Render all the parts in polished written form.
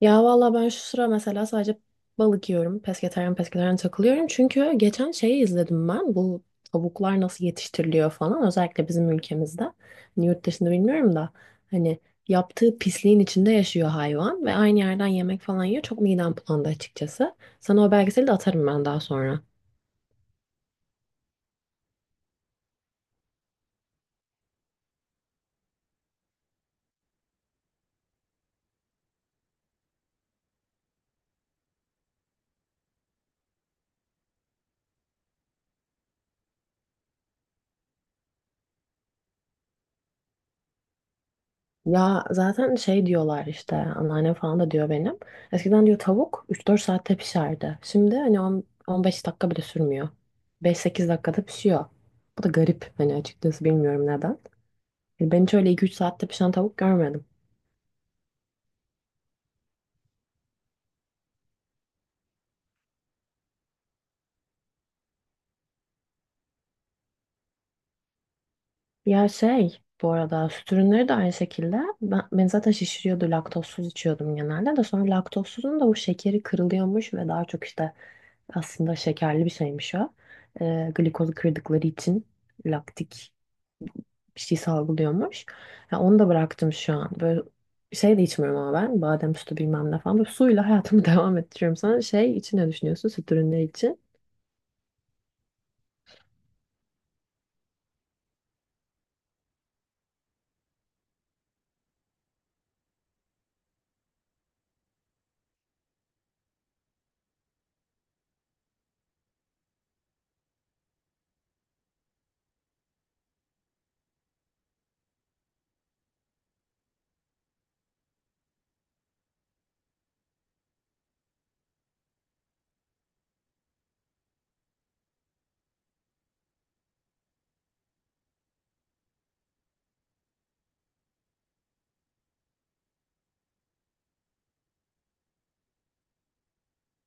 Ya valla ben şu sıra mesela sadece balık yiyorum. Pesketaryen pesketaryen takılıyorum. Çünkü geçen şeyi izledim ben. Bu tavuklar nasıl yetiştiriliyor falan. Özellikle bizim ülkemizde. Hani yurt dışında bilmiyorum da. Hani yaptığı pisliğin içinde yaşıyor hayvan. Ve aynı yerden yemek falan yiyor. Çok midem bulandı açıkçası. Sana o belgeseli de atarım ben daha sonra. Ya zaten şey diyorlar işte anneannem falan da diyor benim. Eskiden diyor tavuk 3-4 saatte pişerdi. Şimdi hani 15 dakika bile sürmüyor. 5-8 dakikada pişiyor. Bu da garip hani açıkçası bilmiyorum neden. Yani ben hiç öyle 2-3 saatte pişen tavuk görmedim. Ya şey bu arada süt ürünleri de aynı şekilde. Beni zaten şişiriyordu laktozsuz içiyordum genelde de sonra laktozsuzun da bu şekeri kırılıyormuş ve daha çok işte aslında şekerli bir şeymiş o. Glikozu kırdıkları için laktik bir şey salgılıyormuş. Ya onu da bıraktım şu an. Böyle şey de içmiyorum ama ben. Badem sütü bilmem ne falan. Böyle suyla hayatımı devam ettiriyorum sana. Şey için ne düşünüyorsun? Süt ürünleri için.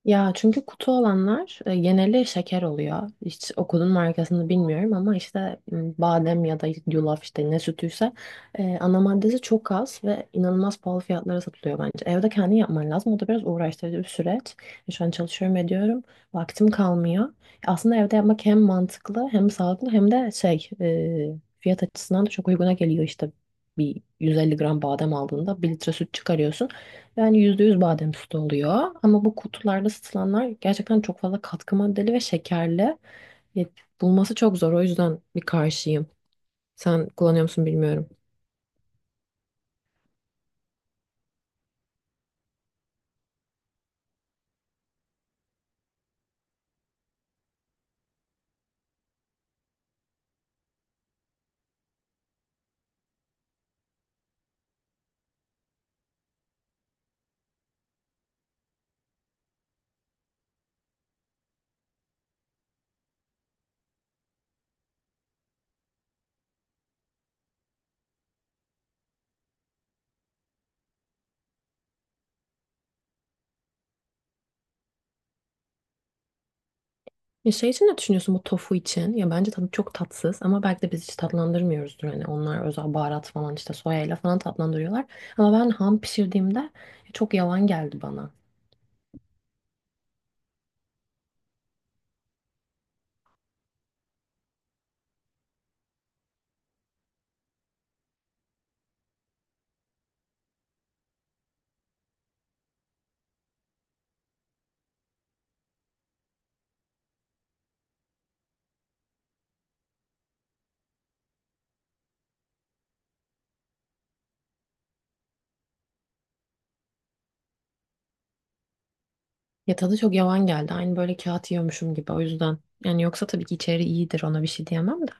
Ya çünkü kutu olanlar geneli şeker oluyor. Hiç okulun markasını bilmiyorum ama işte badem ya da yulaf işte ne sütüyse ana maddesi çok az ve inanılmaz pahalı fiyatlara satılıyor bence. Evde kendin yapman lazım. O da biraz uğraştırıcı bir süreç. Şu an çalışıyorum ediyorum. Vaktim kalmıyor. Aslında evde yapmak hem mantıklı hem sağlıklı hem de şey fiyat açısından da çok uyguna geliyor işte. Bir 150 gram badem aldığında bir litre süt çıkarıyorsun. Yani %100 badem sütü oluyor. Ama bu kutularda satılanlar gerçekten çok fazla katkı maddeli ve şekerli. Ya, bulması çok zor. O yüzden bir karşıyım. Sen kullanıyor musun bilmiyorum. Ya şey için ne düşünüyorsun bu tofu için? Ya bence tadı çok tatsız ama belki de biz hiç tatlandırmıyoruzdur. Hani onlar özel baharat falan işte soyayla falan tatlandırıyorlar. Ama ben ham pişirdiğimde çok yavan geldi bana. Ya tadı çok yavan geldi. Aynı böyle kağıt yiyormuşum gibi o yüzden. Yani yoksa tabii ki içeri iyidir ona bir şey diyemem de.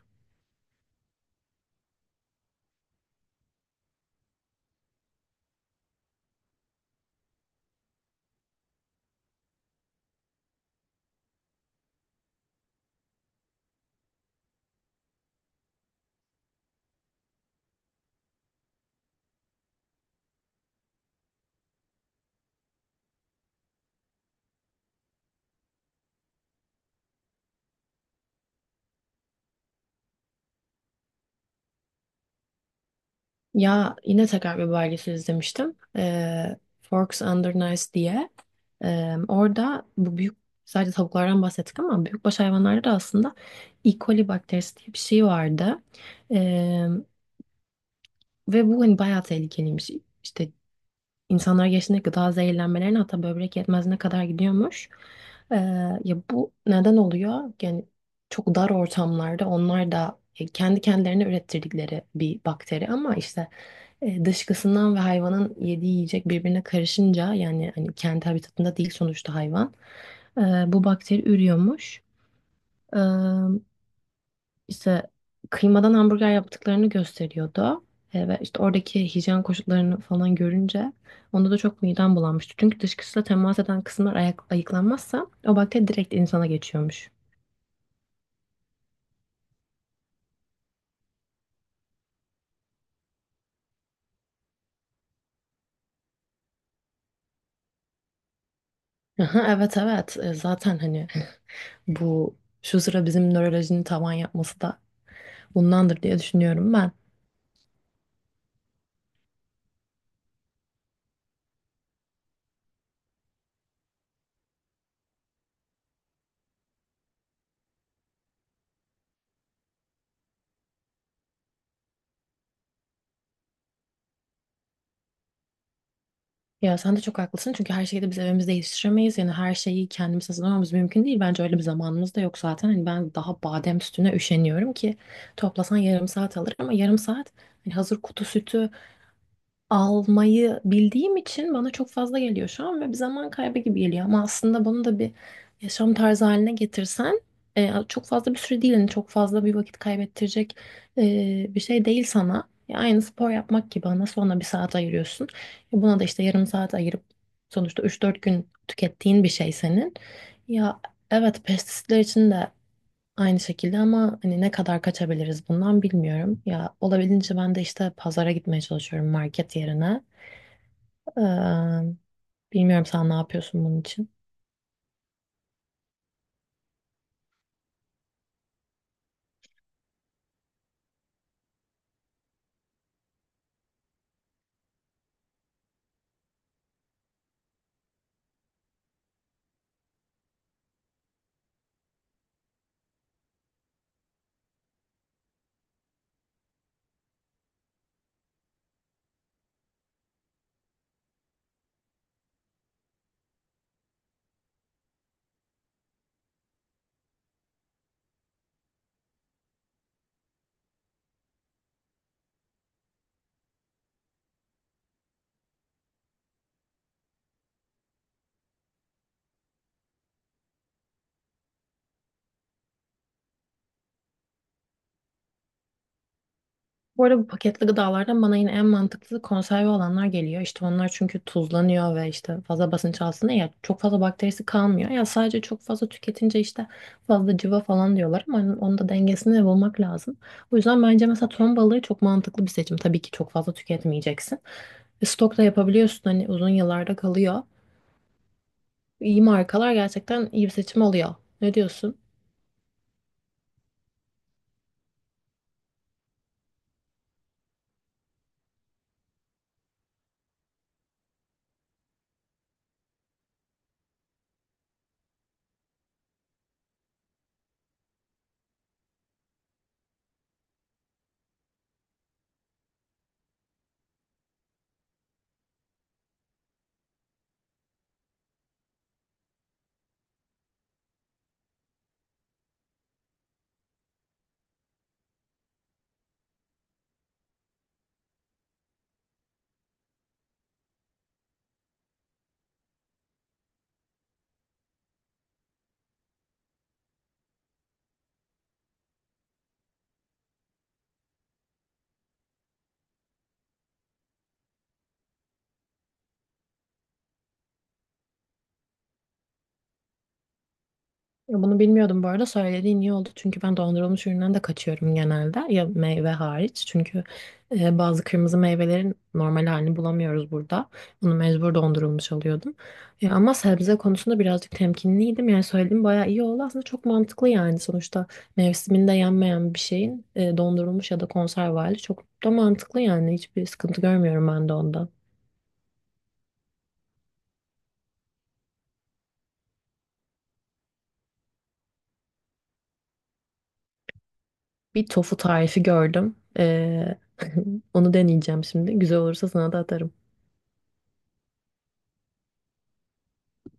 Ya yine tekrar bir belgesel izlemiştim. Forks Under Nice diye. Orada bu büyük sadece tavuklardan bahsettik ama büyükbaş hayvanlarda da aslında E. coli bakterisi diye bir şey vardı. Ee, Ve bu hani bayağı tehlikeliymiş. İşte İnsanlar yaşında gıda zehirlenmelerine hatta böbrek yetmezliğine kadar gidiyormuş. Ee, Ya bu neden oluyor? Yani çok dar ortamlarda onlar da kendi kendilerine ürettirdikleri bir bakteri ama işte dışkısından ve hayvanın yediği yiyecek birbirine karışınca yani hani kendi habitatında değil sonuçta hayvan. Bu bakteri ürüyormuş. İşte kıymadan hamburger yaptıklarını gösteriyordu. Ve işte oradaki hijyen koşullarını falan görünce onda da çok midem bulanmıştı. Çünkü dışkısıyla temas eden kısımlar ayıklanmazsa o bakteri direkt insana geçiyormuş. Aha, evet, evet. Zaten hani bu şu sıra bizim nörolojinin tavan yapması da bundandır diye düşünüyorum ben. Ya sen de çok haklısın çünkü her şeyi de biz evimizde yetiştiremeyiz. Yani her şeyi kendimiz hazırlamamız mümkün değil. Bence öyle bir zamanımız da yok zaten. Hani ben daha badem sütüne üşeniyorum ki toplasan yarım saat alır ama yarım saat hani hazır kutu sütü almayı bildiğim için bana çok fazla geliyor şu an ve bir zaman kaybı gibi geliyor. Ama aslında bunu da bir yaşam tarzı haline getirsen çok fazla bir süre değil, yani çok fazla bir vakit kaybettirecek bir şey değil sana. Ya aynı spor yapmak gibi ana sonra bir saat ayırıyorsun. Buna da işte yarım saat ayırıp sonuçta 3-4 gün tükettiğin bir şey senin. Ya evet pestisitler için de aynı şekilde ama hani ne kadar kaçabiliriz bundan bilmiyorum. Ya olabildiğince ben de işte pazara gitmeye çalışıyorum market yerine. Ee, Bilmiyorum sen ne yapıyorsun bunun için. Bu arada bu paketli gıdalardan bana yine en mantıklı konserve olanlar geliyor. İşte onlar çünkü tuzlanıyor ve işte fazla basınç altında ya çok fazla bakterisi kalmıyor. Ya sadece çok fazla tüketince işte fazla cıva falan diyorlar ama onun da dengesini bulmak lazım. O yüzden bence mesela ton balığı çok mantıklı bir seçim. Tabii ki çok fazla tüketmeyeceksin. Stok da yapabiliyorsun hani uzun yıllarda kalıyor. İyi markalar gerçekten iyi bir seçim oluyor. Ne diyorsun? Ya, bunu bilmiyordum bu arada söylediğin iyi oldu çünkü ben dondurulmuş üründen de kaçıyorum genelde ya meyve hariç çünkü bazı kırmızı meyvelerin normal halini bulamıyoruz burada bunu mecbur dondurulmuş alıyordum ama sebze konusunda birazcık temkinliydim yani söylediğim bayağı iyi oldu aslında çok mantıklı yani sonuçta mevsiminde yenmeyen bir şeyin dondurulmuş ya da konserve hali çok da mantıklı yani hiçbir sıkıntı görmüyorum ben de onda. Bir tofu tarifi gördüm. Onu deneyeceğim şimdi güzel olursa sana da atarım.